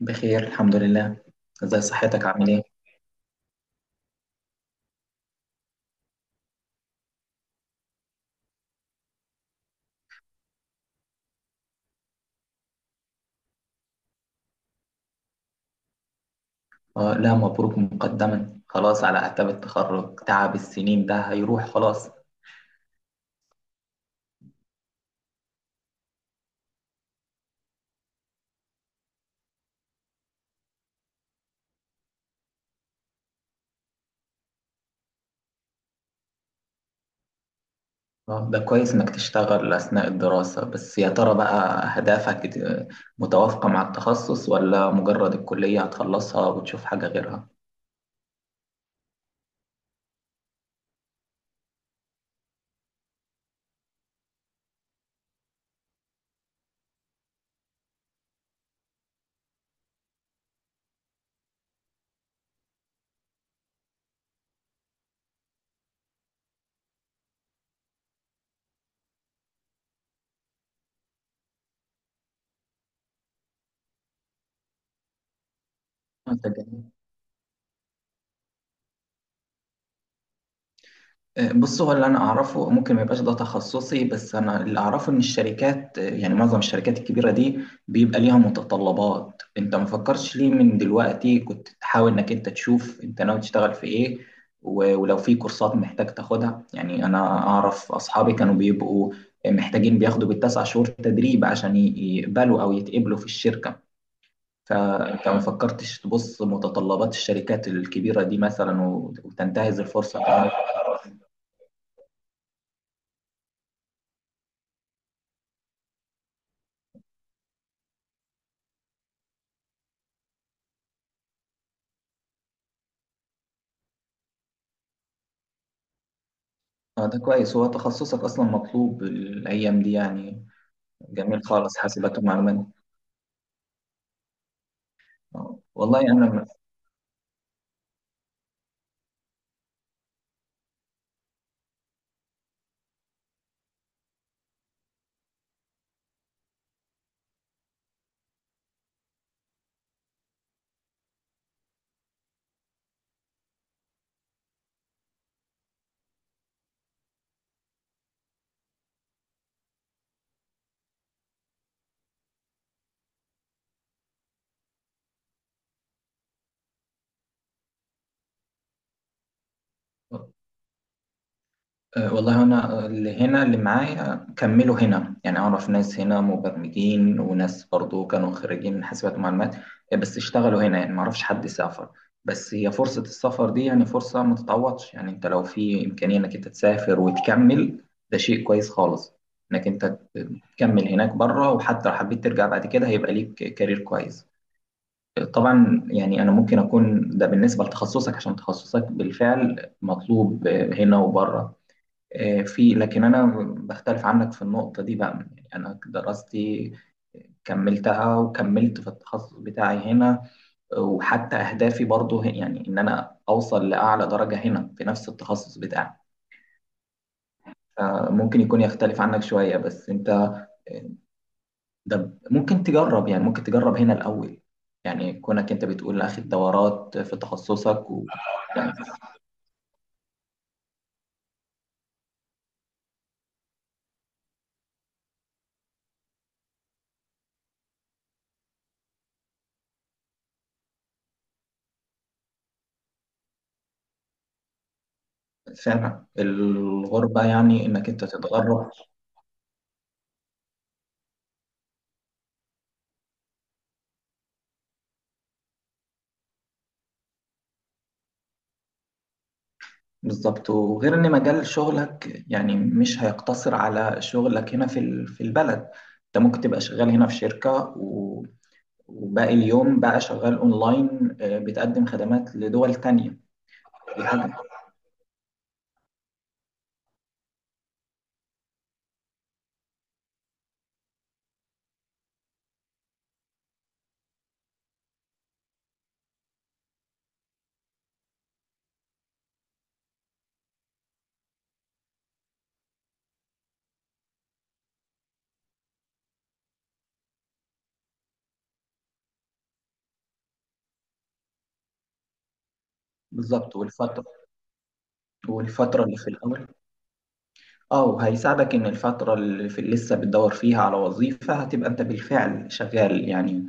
بخير الحمد لله. ازي صحتك؟ عامل ايه؟ آه، لا مبروك مقدما، خلاص على اعتاب التخرج، تعب السنين ده هيروح خلاص. آه ده كويس انك تشتغل اثناء الدراسة، بس يا ترى بقى اهدافك متوافقة مع التخصص، ولا مجرد الكلية هتخلصها وتشوف حاجة غيرها؟ ده جميل. بص، هو اللي انا اعرفه، ممكن ما يبقاش ده تخصصي، بس انا اللي اعرفه ان الشركات، يعني معظم الشركات الكبيره دي، بيبقى ليها متطلبات. انت ما فكرتش ليه من دلوقتي كنت تحاول انك انت تشوف انت ناوي تشتغل في ايه، ولو في كورسات محتاج تاخدها؟ يعني انا اعرف اصحابي كانوا بيبقوا محتاجين بياخدوا بالتسع شهور تدريب عشان يقبلوا او يتقبلوا في الشركه. فانت ما فكرتش تبص متطلبات الشركات الكبيره دي مثلا وتنتهز الفرصه؟ اه ده كويس، هو تخصصك اصلا مطلوب الايام دي يعني. جميل خالص، حاسبات ومعلومات. آه، والله انا آه، والله انا اللي هنا اللي معايا كملوا هنا، يعني اعرف ناس هنا مبرمجين وناس برضو كانوا خريجين من حاسبات ومعلومات، بس اشتغلوا هنا، يعني ما اعرفش حد سافر. بس هي فرصة السفر دي يعني فرصة ما تتعوضش، يعني انت لو في امكانية انك انت تسافر وتكمل، ده شيء كويس خالص، انك انت تكمل هناك بره، وحتى لو حبيت ترجع بعد كده هيبقى ليك كارير كويس. طبعا يعني انا ممكن اكون ده بالنسبه لتخصصك، عشان تخصصك بالفعل مطلوب هنا وبره، آه، في. لكن انا بختلف عنك في النقطه دي بقى، يعني انا دراستي كملتها وكملت في التخصص بتاعي هنا، وحتى اهدافي برضو يعني ان انا اوصل لاعلى درجه هنا في نفس التخصص بتاعي. فممكن يكون يختلف عنك شويه، بس انت ده ممكن تجرب، يعني ممكن تجرب هنا الاول، يعني كونك انت بتقول اخد دورات في تخصصك فعلا الغربة، يعني إنك أنت تتغرب. بالظبط، وغير إن مجال شغلك يعني مش هيقتصر على شغلك هنا في في البلد، أنت ممكن تبقى شغال هنا في شركة و- وباقي اليوم بقى شغال أونلاين، بتقدم خدمات لدول تانية. دي حاجة. بالظبط. والفترة اللي في الأول، أه، وهيساعدك إن الفترة اللي في لسه بتدور فيها على وظيفة، هتبقى أنت بالفعل شغال يعني،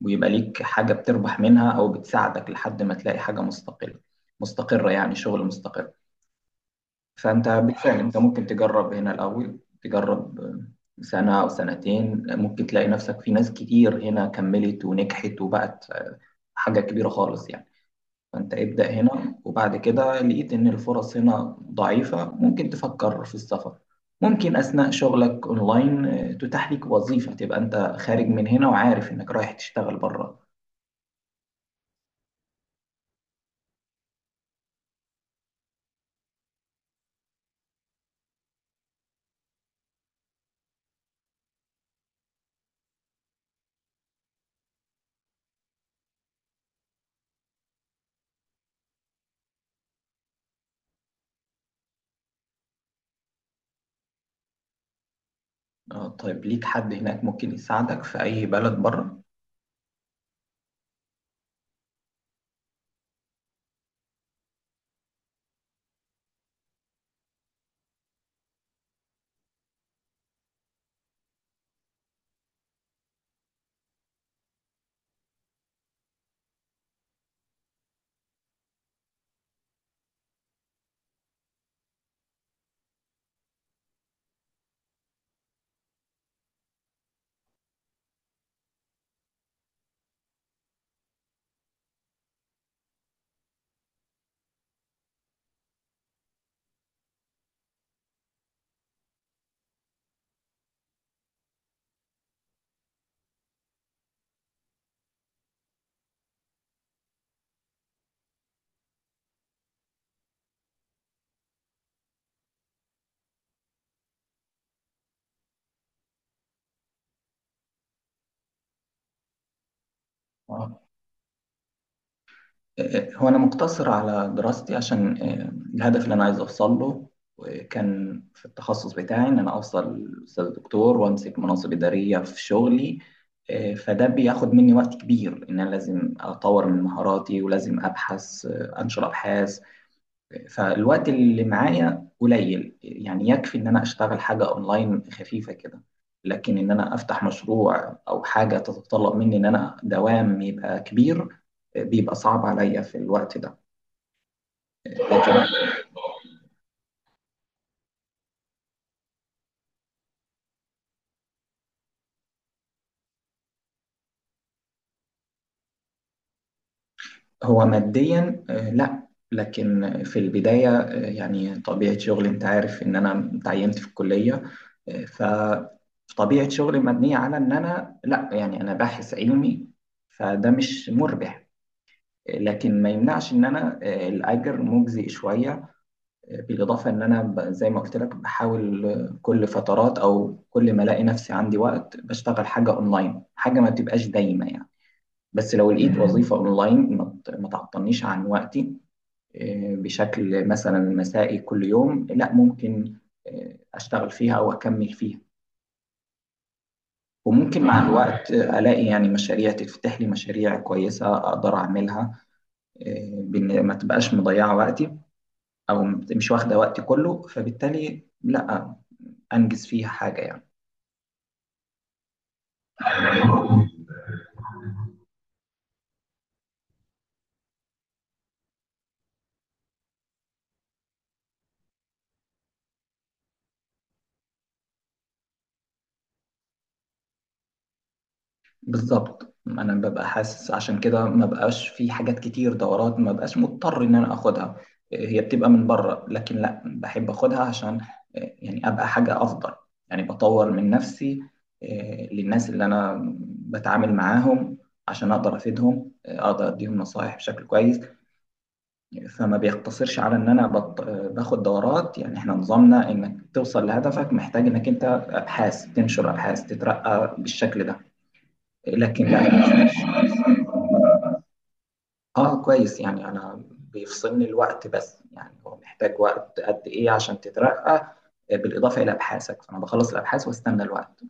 ويبقى ليك حاجة بتربح منها أو بتساعدك لحد ما تلاقي حاجة مستقلة مستقرة، يعني شغل مستقر. فأنت بالفعل أنت ممكن تجرب هنا الأول، تجرب سنة أو سنتين، ممكن تلاقي نفسك. في ناس كتير هنا كملت ونجحت وبقت حاجة كبيرة خالص يعني. فأنت ابدأ هنا، وبعد كده لقيت إن الفرص هنا ضعيفة ممكن تفكر في السفر. ممكن أثناء شغلك أونلاين تتاح لك وظيفة تبقى أنت خارج من هنا، وعارف إنك رايح تشتغل بره. اه طيب، ليك حد هناك ممكن يساعدك في أي بلد بره؟ اه. هو أنا مقتصر على دراستي عشان الهدف اللي أنا عايز أوصل له، كان في التخصص بتاعي، إن أنا أوصل أستاذ دكتور وأمسك مناصب إدارية في شغلي. فده بياخد مني وقت كبير، إن أنا لازم أطور من مهاراتي ولازم أبحث، أنشر أبحاث. فالوقت اللي معايا قليل، يعني يكفي ان انا اشتغل حاجة اونلاين خفيفة كده، لكن ان انا افتح مشروع او حاجة تتطلب مني ان انا دوام يبقى كبير، بيبقى صعب عليا في الوقت ده. لكن هو ماديا لا، لكن في البداية، يعني طبيعة شغلي، انت عارف ان انا تعينت في الكلية، آه، فطبيعة شغلي مبنية على ان انا لا، يعني انا باحث علمي، فده مش مربح. لكن ما يمنعش ان انا الاجر مجزي شويه، بالاضافه ان انا زي ما قلت لك، بحاول كل فترات او كل ما الاقي نفسي عندي وقت بشتغل حاجه اونلاين، حاجه ما بتبقاش دايمه يعني. بس لو لقيت وظيفه اونلاين ما ما تعطلنيش عن وقتي، بشكل مثلا مسائي كل يوم، لا ممكن اشتغل فيها او اكمل فيها. وممكن مع الوقت الاقي يعني مشاريع، تفتح لي مشاريع كويسه اقدر اعملها، بإن ما تبقاش مضيعه وقتي، او مش واخده وقتي كله، فبالتالي لا انجز فيها حاجه يعني. بالظبط، انا ببقى حاسس عشان كده ما بقاش في حاجات كتير، دورات ما بقاش مضطر ان انا اخدها، هي بتبقى من بره، لكن لا بحب اخدها عشان يعني ابقى حاجه افضل، يعني بطور من نفسي للناس اللي انا بتعامل معاهم، عشان اقدر افيدهم، اقدر اديهم نصائح بشكل كويس يعني. فما بيقتصرش على ان انا باخد دورات، يعني احنا نظامنا انك توصل لهدفك محتاج انك انت ابحاث، تنشر ابحاث تترقى بالشكل ده، لكن لا مفيش. اه كويس، يعني انا بيفصلني الوقت، بس يعني هو محتاج وقت قد ايه عشان تترقى بالاضافه الى ابحاثك؟ فانا بخلص الابحاث واستنى الوقت.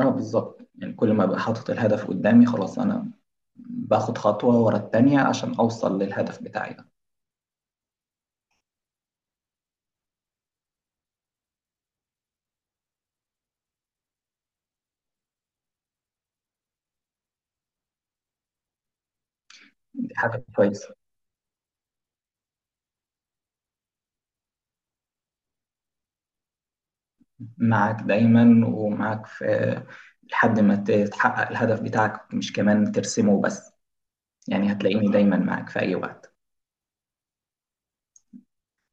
اه بالظبط، يعني كل ما ابقى حاطط الهدف قدامي، خلاص انا باخد خطوه ورا التانيه عشان اوصل للهدف بتاعي ده. دي حاجه كويسه. معاك دايما، ومعاك في، لحد ما تتحقق الهدف بتاعك، مش كمان ترسمه بس، يعني هتلاقيني دايما معاك في أي وقت.